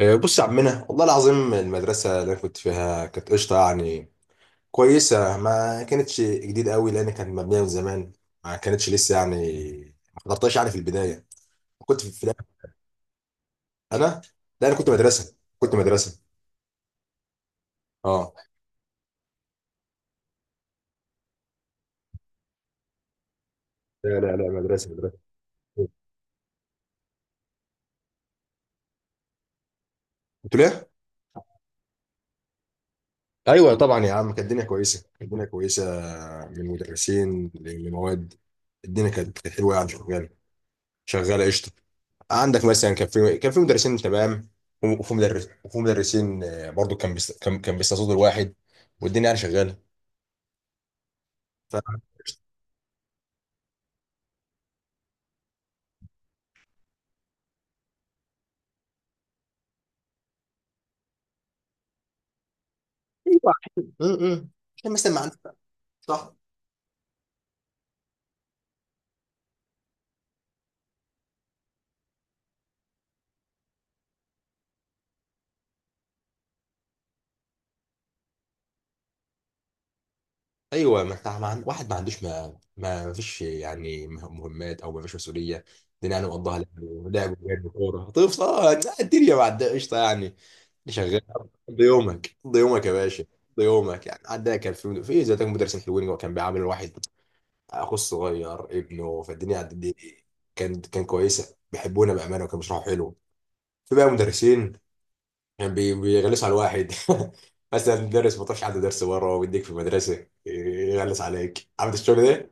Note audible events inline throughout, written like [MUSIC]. آه، بص يا عمنا، والله العظيم المدرسة اللي أنا كنت فيها كانت قشطة يعني، كويسة. ما كانتش جديد قوي لأن كانت مبنية من زمان، ما كانتش لسه يعني، ما حضرتهاش يعني في البداية. كنت أنا، لا، أنا كنت مدرسة. أه، لا لا لا، مدرسة مدرسة. كنت ليه؟ أيوه طبعا يا عم، كانت الدنيا كويسة، كانت الدنيا كويسة، من مدرسين لمواد. الدنيا كانت حلوة يعني، شغالة شغالة قشطة. عندك مثلا كان في مدرسين تمام، وفي مدرس، وفي مدرسين آه، برضو كان بيستقصدوا الواحد، والدنيا يعني شغاله. ف ايوه. م- م. عشان مثلا ما عندك، صح. ايوه، ما انت ما عند... واحد ما عندوش، ما فيش يعني مهمات، او ما فيش مسؤوليه. الدنيا يعني مقضاها لعب ولعب وجري وكوره. طفل اه، لا، الدنيا بعد قشطه يعني، شغال. قضي يومك، قضي يومك يا باشا، قضي يومك. يعني عندنا كان في إيه، زي ده مدرسين حلوين، هو كان بيعامل الواحد اخو الصغير، ابنه. فالدنيا عدت دي، كان كويسه، بيحبونا بامانه، وكانوا بيشرحوا حلو. في بقى مدرسين كان بيغلسوا على الواحد. [LAUGHS] مثلا مدرس ما تعرفش عنده درس بره ويديك في المدرسه، يغلس عليك. عارف الشغل ده؟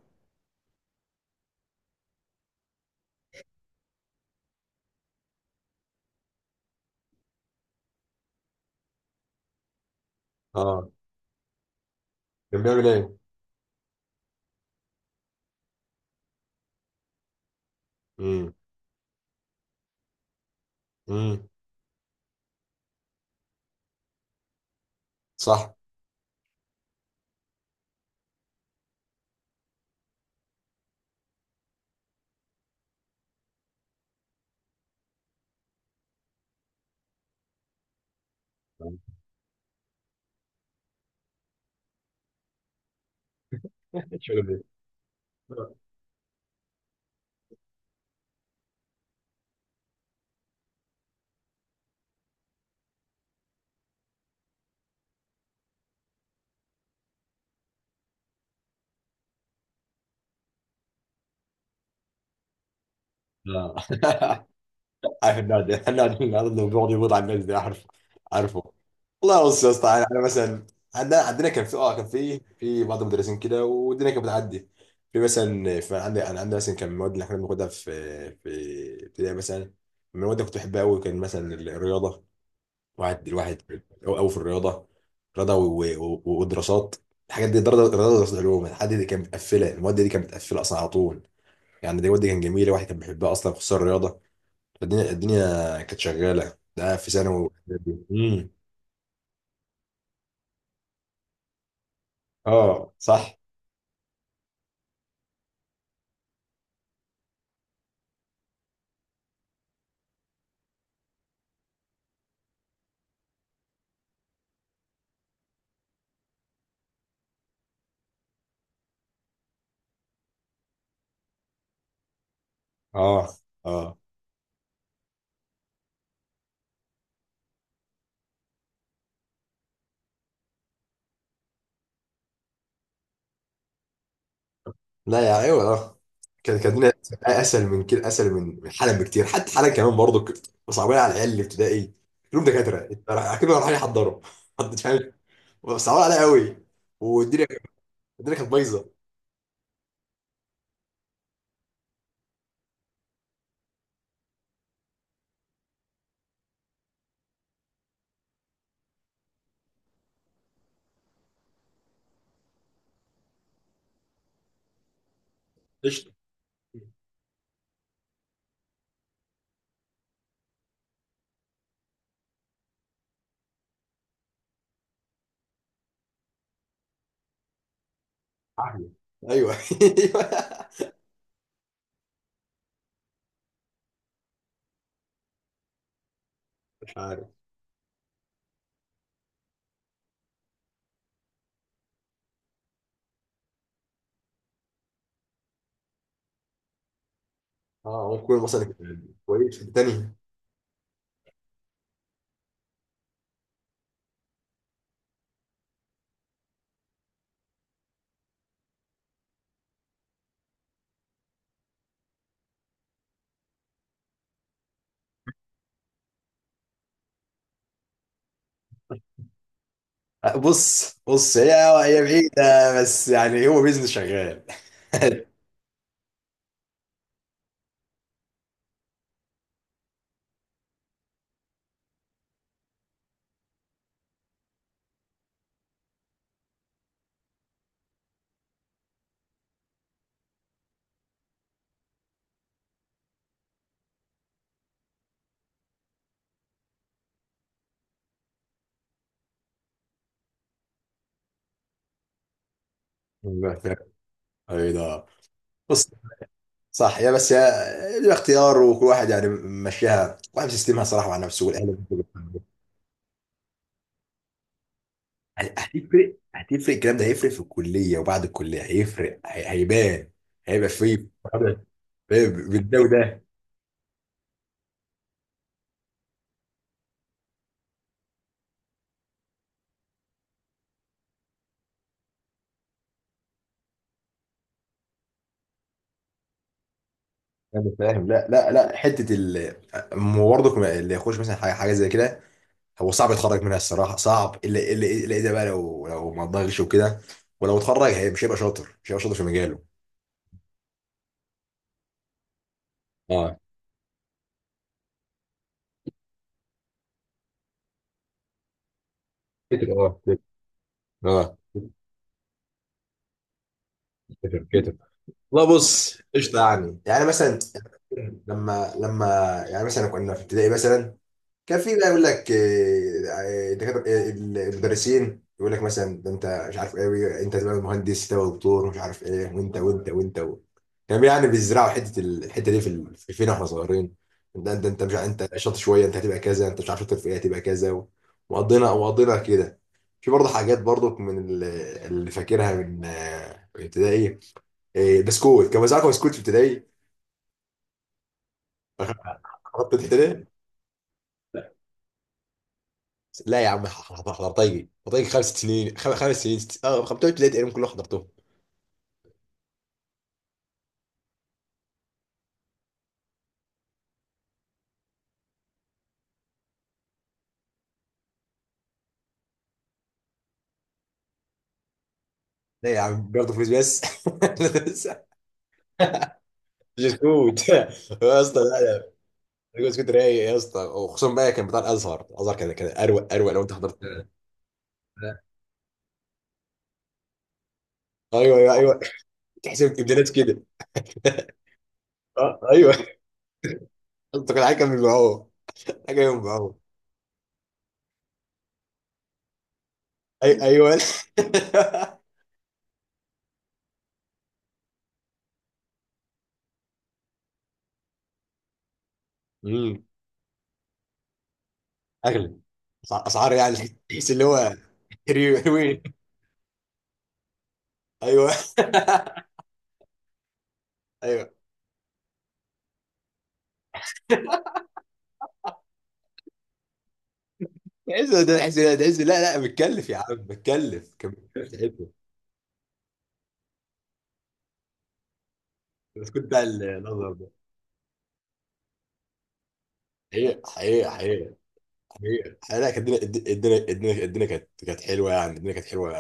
اه. كان بيعمل ايه؟ امم، امم، صح. [LAUGHS] الشغل ده. اه. [LAUGHS] حناد حناد الارض، وبيقعد يبوظ على الناس ده. عارفه، عارفه. [LAUGHS] والله بص يا اسطى، يعني انا مثلا عندنا كان في بعض المدرسين كده، والدنيا كانت بتعدي. في مثلا في عندي انا عندي مثلا كان المواد اللي احنا بناخدها في ابتدائي مثلا، من المواد اللي كنت بحبها قوي كان مثلا الرياضه. الواحد قوي في الرياضه، رياضه ودراسات. الحاجات دي، دراسه دراسه دراسات علوم، الحاجات دي كانت مقفله، المواد دي كانت مقفله اصلا على طول. يعني دي المواد دي كانت جميله، واحد كان بيحبها اصلا، خصوصا الرياضه. الدنيا كانت شغاله، ده في ثانوي واعدادي. امم، اه صح، اه اه. لا يا ايوه اه، كانت الدنيا اسهل من كده، اسهل من حالا بكتير. حتى حالا كمان برضه كنت صعبان على العيال اللي ابتدائي، كلهم دكاتره، كلهم رايحين يحضروا. [LAUGHS] حد فاهم؟ صعبان عليا قوي، والدنيا الدنيا كانت بايظه. قشطه، عافيه، ايوه. [LAUGHS] ايوه، مش عارف. اه ممكن، مثلا كويس في الثانيه. بص بص، هي بعيدة، بس يعني هو بيزنس شغال. [LAUGHS] بعيدة. بص، صح يا، بس يا له اختيار، وكل واحد يعني ماشيها، واحد سيستمها صراحة مع نفسه والأهل. يعني هتفرق، هتفرق، الكلام ده هيفرق في الكلية، وبعد الكلية هيفرق، هيبان، هيبقى فيه بالده وده. [LAUGHS] انا فاهم، لا لا لا. حته ال برضك اللي يخش مثلا حاجه حاجه زي كده، هو صعب يتخرج منها الصراحه، صعب، الا اذا بقى، لو ما اتضغطش وكده. ولو اتخرج، هي مش هيبقى شاطر، مش هيبقى شاطر في مجاله. اه كتب، اه كتب، اه، كتب كتب. لا بص، قشطه يعني، يعني مثلا لما يعني مثلا كنا في ابتدائي مثلا، كان في بقى يقول لك آه، دكاترة- آه، المدرسين يقول لك مثلا، ده انت مش عارف ايه، انت تبقى مهندس، تبقى دكتور، مش عارف ايه، وانت وانت وانت و... كان يعني بيزرعوا الحته دي في فينا واحنا صغيرين. ده انت انت مش ع- انت شاطر شويه، انت هتبقى كذا، انت مش عارف شاطر في ايه، هتبقى كذا و... وقضينا، وقضينا كده. في برضه حاجات، برضه اللي فاكرها من آه، ابتدائي. آه، بسكوت، كان بيزرعوا بسكوت في ابتدائي. حطيت ابتدائي. لا يا عم، حضرتيجي، حضرتيجي 5 سنين، 5 سنين، 5 3 تقريبا كلهم حضرتهم. لا يا عم، برضه فلوس بس. [LAUGHS] كنت يا اسطى، لا لا، الجوز كنت رايق يا اسطى، وخصوصا بقى كان بتاع الازهر. الازهر كان اروق، اروق لو انت حضرت. ايوه ايوه ايوه، تحس ابدالات كده. [LAUGHS] اه ايوه، انت كان حاجه بيبيعوه، حاجه بيبيعوه. ايوه. [LAUGHS] امم، اغلى، اسعار يعني، تحس اللي هو ريوي. ايوه. [LAUGHS] ايوه، عز ده، عز ده، عز. لا لا، متكلف يا عم، متكلف، كان متكلف تعبه. بس كنت بتاع النظر ده. حقيقة حقيقة حقيقة، حقيقة حقيقة. لا، كانت الدنيا، الدنيا كانت حلوة يعني، الدنيا كانت حلوة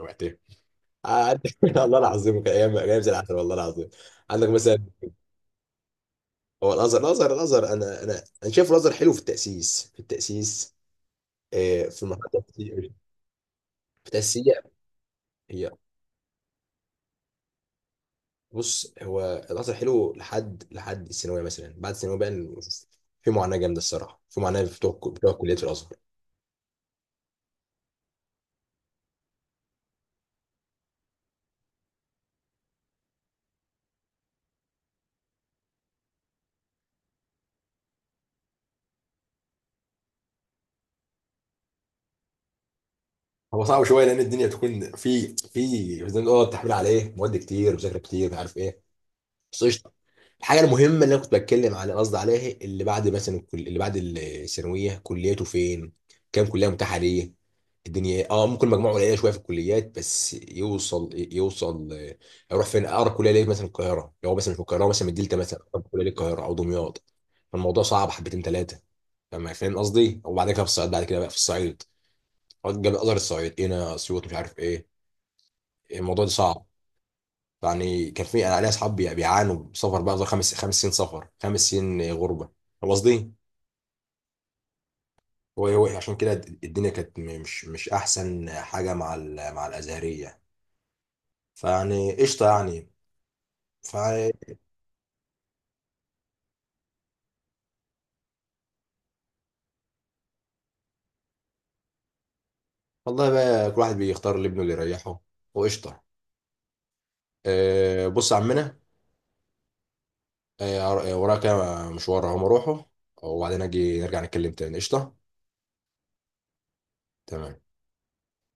وقتها. عاد- الله، [LAUGHS] العظيم، كان أيام أيام زي العسل، والله العظيم. عندك مثلا، هو الأزهر، أنا شايف الأزهر حلو في التأسيس، في التأسيس، آه، في المرحلة التأسيسية، في التأسيسية. بص، هو القطر حلو لحد، لحد الثانويه مثلا، بعد الثانويه بقى في معاناه جامده الصراحه، في معاناه بتوع، بتوع كليه الازهر. هو صعب شويه لان الدنيا بتكون في زي ما بنقول تحميل عليه، مواد كتير، مذاكره كتير، مش عارف ايه، بس قشطه. الحاجه المهمه اللي انا كنت بتكلم على قصدي عليها، اللي بعد مثلا اللي بعد الثانويه، كلياته فين؟ كام كليه متاحه ليه؟ الدنيا إيه؟ اه، ممكن مجموعه قليله شويه في الكليات، بس يوصل، يوصل آه، يروح فين؟ اقرب كليه ليه مثلا القاهره، لو هو مثلا في القاهره، هو مثلا من الدلتا مثلا، اقرب كليه للقاهره او دمياط. فالموضوع صعب حبتين ثلاثه. فاهم، فاهم قصدي. وبعد كده في الصعيد، بعد كده بقى في الصعيد، جاب ازهر الصعيد، هنا اسيوط، مش عارف ايه. الموضوع ده صعب، يعني كان في انا عليها اصحاب بيعانوا سفر بقى، 5 سنين سفر، 5 سنين غربه هو قصدي. هو عشان كده الدنيا كانت مش احسن حاجه مع مع الازهريه، فيعني قشطه يعني. ف والله بقى كل واحد بيختار لابنه اللي يريحه، وقشطه. أه، بص يا عمنا، أه وراك مشوار، هم اروحه وبعدين اجي نرجع نتكلم تاني. قشطه، تمام.